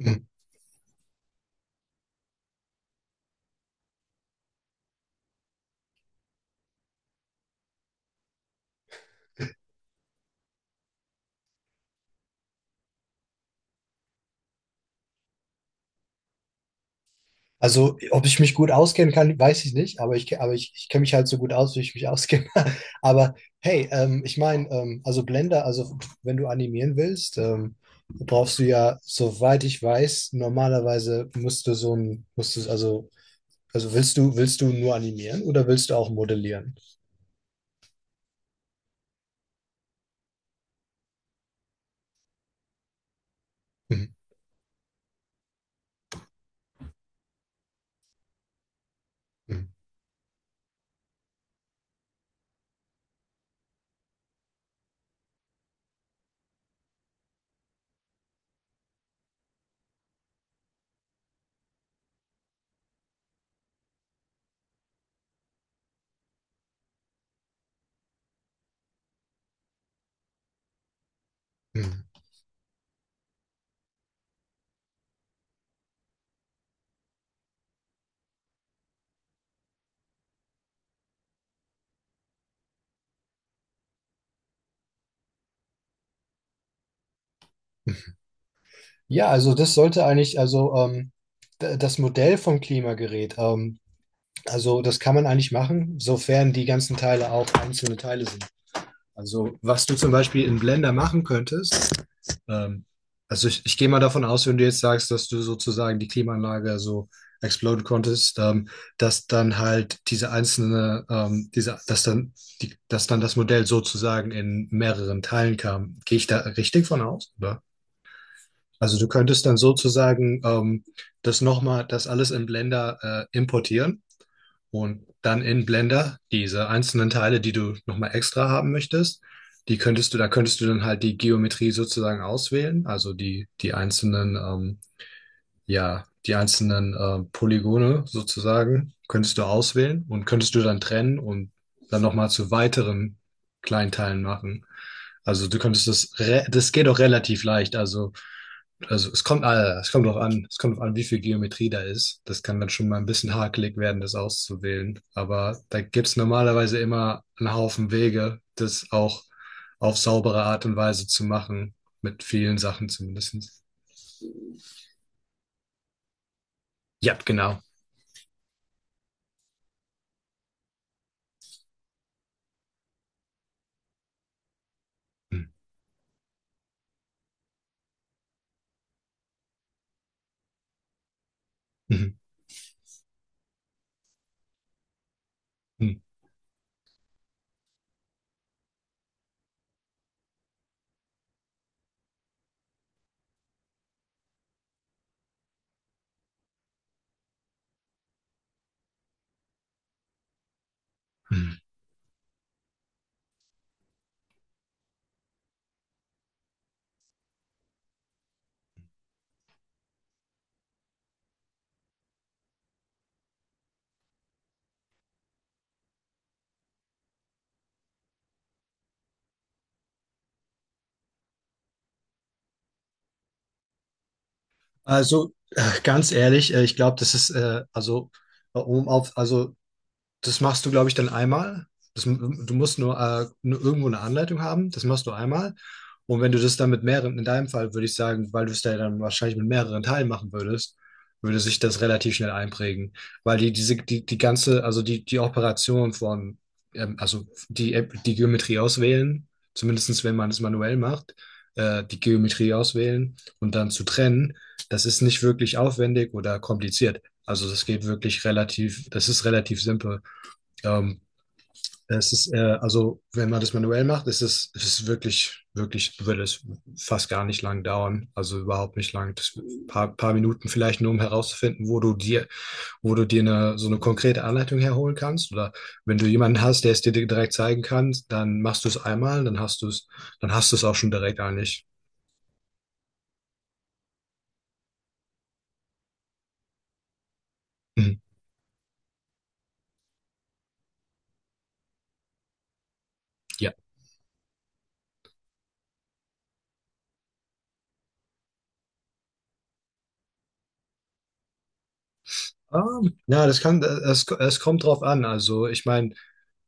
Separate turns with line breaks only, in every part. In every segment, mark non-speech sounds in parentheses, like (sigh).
Hm. Also, ob ich mich gut auskennen kann, weiß ich nicht, aber ich kenne mich halt so gut aus, wie ich mich auskenne. (laughs) Aber hey, ich meine, also Blender, also wenn du animieren willst, brauchst du ja, soweit ich weiß, normalerweise musst du, willst du nur animieren oder willst du auch modellieren? Mhm. Mhm. Mhm. Ja, also das sollte eigentlich, das Modell vom Klimagerät, also das kann man eigentlich machen, sofern die ganzen Teile auch einzelne Teile sind. Also, was du zum Beispiel in Blender machen könntest, ähm, also ich gehe mal davon aus, wenn du jetzt sagst, dass du sozusagen die Klimaanlage so exploden konntest, dass dann halt diese einzelne, diese, dass dann die, dass dann das Modell sozusagen in mehreren Teilen kam. Gehe ich da richtig von aus, oder? Also du könntest dann sozusagen das nochmal, das alles in Blender importieren und dann in Blender diese einzelnen Teile, die du nochmal extra haben möchtest, da könntest du dann halt die Geometrie sozusagen auswählen, die einzelnen ja, die einzelnen Polygone sozusagen könntest du auswählen und könntest du dann trennen und dann nochmal zu weiteren Kleinteilen machen. Also du könntest das, re- Das geht auch relativ leicht. Also es kommt auch an, es kommt auch an, wie viel Geometrie da ist. Das kann dann schon mal ein bisschen hakelig werden, das auszuwählen. Aber da gibt's normalerweise immer einen Haufen Wege, das auch auf saubere Art und Weise zu machen. Mit vielen Sachen zumindest. Ja, genau. Mhm. Mhm. Mhm. Mhm. Also ganz ehrlich, ich glaube, das ist also um auf also das machst du, glaube ich, dann einmal. Das, du musst nur, nur irgendwo eine Anleitung haben. Das machst du einmal. Und wenn du das dann mit mehreren, in deinem Fall würde ich sagen, weil du es da dann wahrscheinlich mit mehreren Teilen machen würdest, würde sich das relativ schnell einprägen. Weil die, diese, die, die ganze, also die, die Operation von, die Geometrie auswählen, zumindest wenn man es manuell macht, die Geometrie auswählen und dann zu trennen, das ist nicht wirklich aufwendig oder kompliziert. Also das ist relativ simpel. Ähm, also, wenn man das manuell macht, ist es, es ist wirklich, wirklich, würde es fast gar nicht lang dauern. Also überhaupt nicht lang. Das paar Minuten vielleicht nur, um herauszufinden, wo du dir eine, so eine konkrete Anleitung herholen kannst. Oder wenn du jemanden hast, der es dir direkt zeigen kann, dann machst du es einmal, dann hast du es auch schon direkt eigentlich. Mhm. Ja. Ja, es kommt drauf an. Also, ich meine,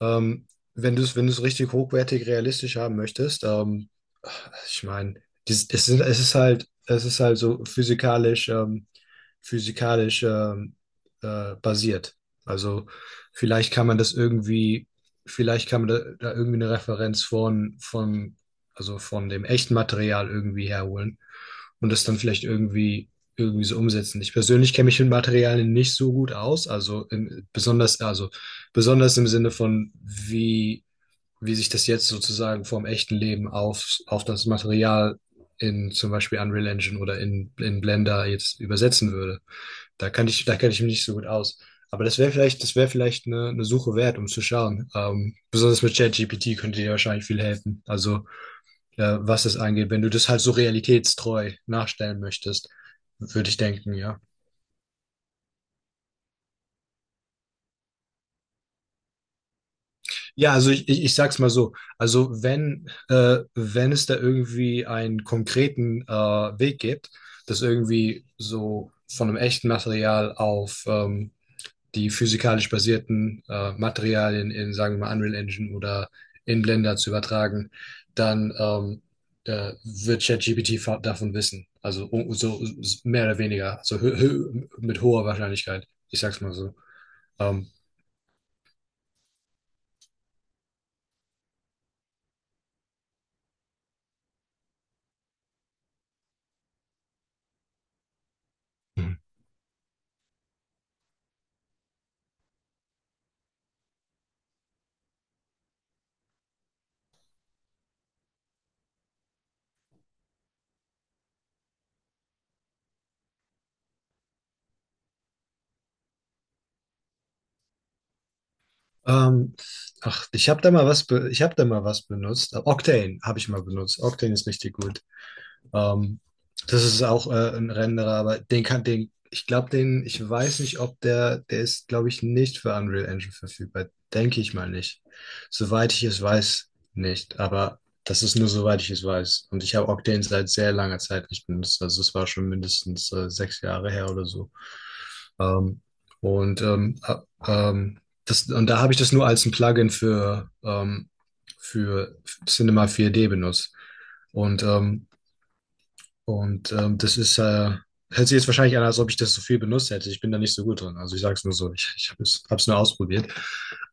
Ähm, wenn du es richtig hochwertig realistisch haben möchtest, ich meine, es ist halt so physikalisch, physikalisch ähm, basiert. Also vielleicht kann man das irgendwie, vielleicht kann man da irgendwie eine Referenz von also von dem echten Material irgendwie herholen und das dann vielleicht irgendwie so umsetzen. Ich persönlich kenne mich mit Materialien nicht so gut aus, also in, besonders also besonders im Sinne von, wie sich das jetzt sozusagen vom echten Leben auf das Material in zum Beispiel Unreal Engine oder in Blender jetzt übersetzen würde. Da kenne ich mich nicht so gut aus. Aber das wäre vielleicht eine Suche wert, um zu schauen. Besonders mit ChatGPT könnte dir wahrscheinlich viel helfen. Also, was das angeht, wenn du das halt so realitätstreu nachstellen möchtest, würde ich denken, ja. Ja, also ich sag's mal so. Also wenn, wenn es da irgendwie einen konkreten Weg gibt, das irgendwie so von einem echten Material auf die physikalisch basierten Materialien in, sagen wir mal, Unreal Engine oder in Blender zu übertragen, dann wird ChatGPT davon wissen. Also um, so so mehr oder weniger, so hö hö mit hoher Wahrscheinlichkeit. Ich sag's mal so. Ähm. Ähm, ach, ich habe da mal was benutzt. Octane habe ich mal benutzt. Octane ist richtig gut. Ähm, das ist auch ein Renderer, aber den kann den, ich glaube, den, ich weiß nicht, ob der, der ist, glaube ich, nicht für Unreal Engine verfügbar. Denke ich mal nicht. Soweit ich es weiß, nicht. Aber das ist nur soweit ich es weiß. Und ich habe Octane seit sehr langer Zeit nicht benutzt. Also es war schon mindestens sechs Jahre her oder so. Ähm, und ähm, äh, ähm, und da habe ich das nur als ein Plugin für Cinema 4D benutzt. Und ähm, und ähm, das ist, äh, Hört sich jetzt wahrscheinlich an, als ob ich das so viel benutzt hätte. Ich bin da nicht so gut drin. Also ich sage es nur so, ich habe es hab's nur ausprobiert.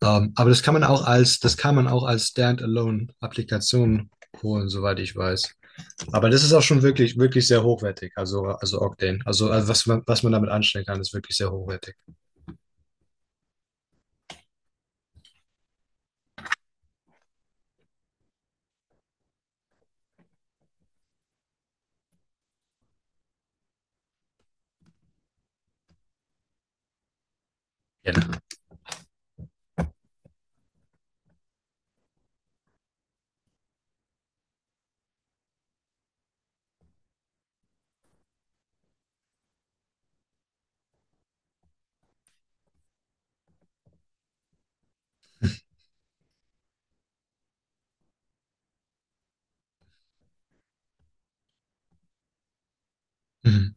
Aber das kann man auch als Standalone-Applikation holen, soweit ich weiß. Aber das ist auch schon wirklich sehr hochwertig. Also Octane. Also was man damit anstellen kann, ist wirklich sehr hochwertig. Genau. Mhm.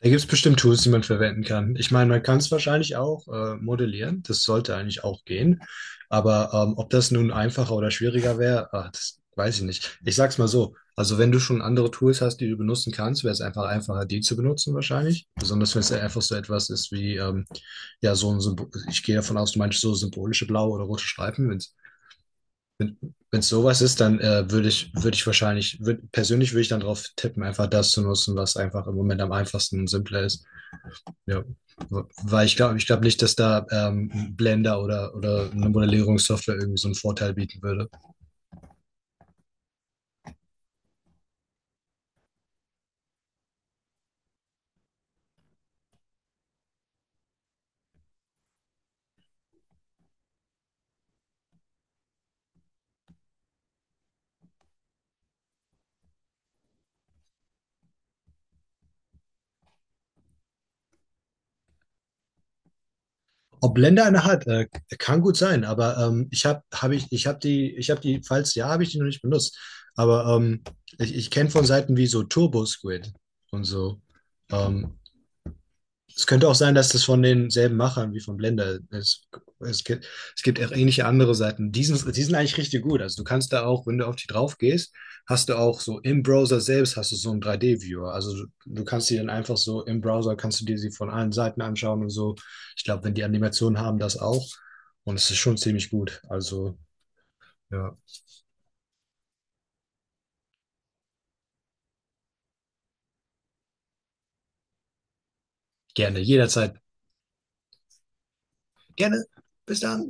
Da gibt es bestimmt Tools, die man verwenden kann. Ich meine, man kann es wahrscheinlich auch modellieren. Das sollte eigentlich auch gehen. Aber ob das nun einfacher oder schwieriger wäre, ah, das weiß ich nicht. Ich sag's mal so. Also wenn du schon andere Tools hast, die du benutzen kannst, wäre es einfach einfacher, die zu benutzen wahrscheinlich. Besonders wenn es ja einfach so etwas ist wie, ja, so ein Symbol. Ich gehe davon aus, du meinst so symbolische blaue oder rote Streifen. Wenn wenn es sowas ist, dann würde ich wahrscheinlich, persönlich würde ich dann drauf tippen, einfach das zu nutzen, was einfach im Moment am einfachsten und simpler ist. Ja. Weil ich glaube nicht, dass da Blender oder eine Modellierungssoftware irgendwie so einen Vorteil bieten würde. Ob Blender eine hat, kann gut sein, aber ich habe hab ich, ich hab die, ich habe die, falls ja, habe ich die noch nicht benutzt. Aber ich kenne von Seiten wie so Turbo Squid und so. Ähm. Es könnte auch sein, dass das von denselben Machern wie von Blender ist. Es gibt, es gibt auch ähnliche andere Seiten. Die sind eigentlich richtig gut. Also du kannst da auch, wenn du auf die drauf gehst, hast du auch so im Browser selbst hast du so einen 3D-Viewer. Du kannst die dann einfach so im Browser, kannst du dir sie von allen Seiten anschauen und so. Ich glaube, wenn die Animationen haben, das auch. Und es ist schon ziemlich gut. Also ja, gerne, jederzeit. Gerne. Bis dann.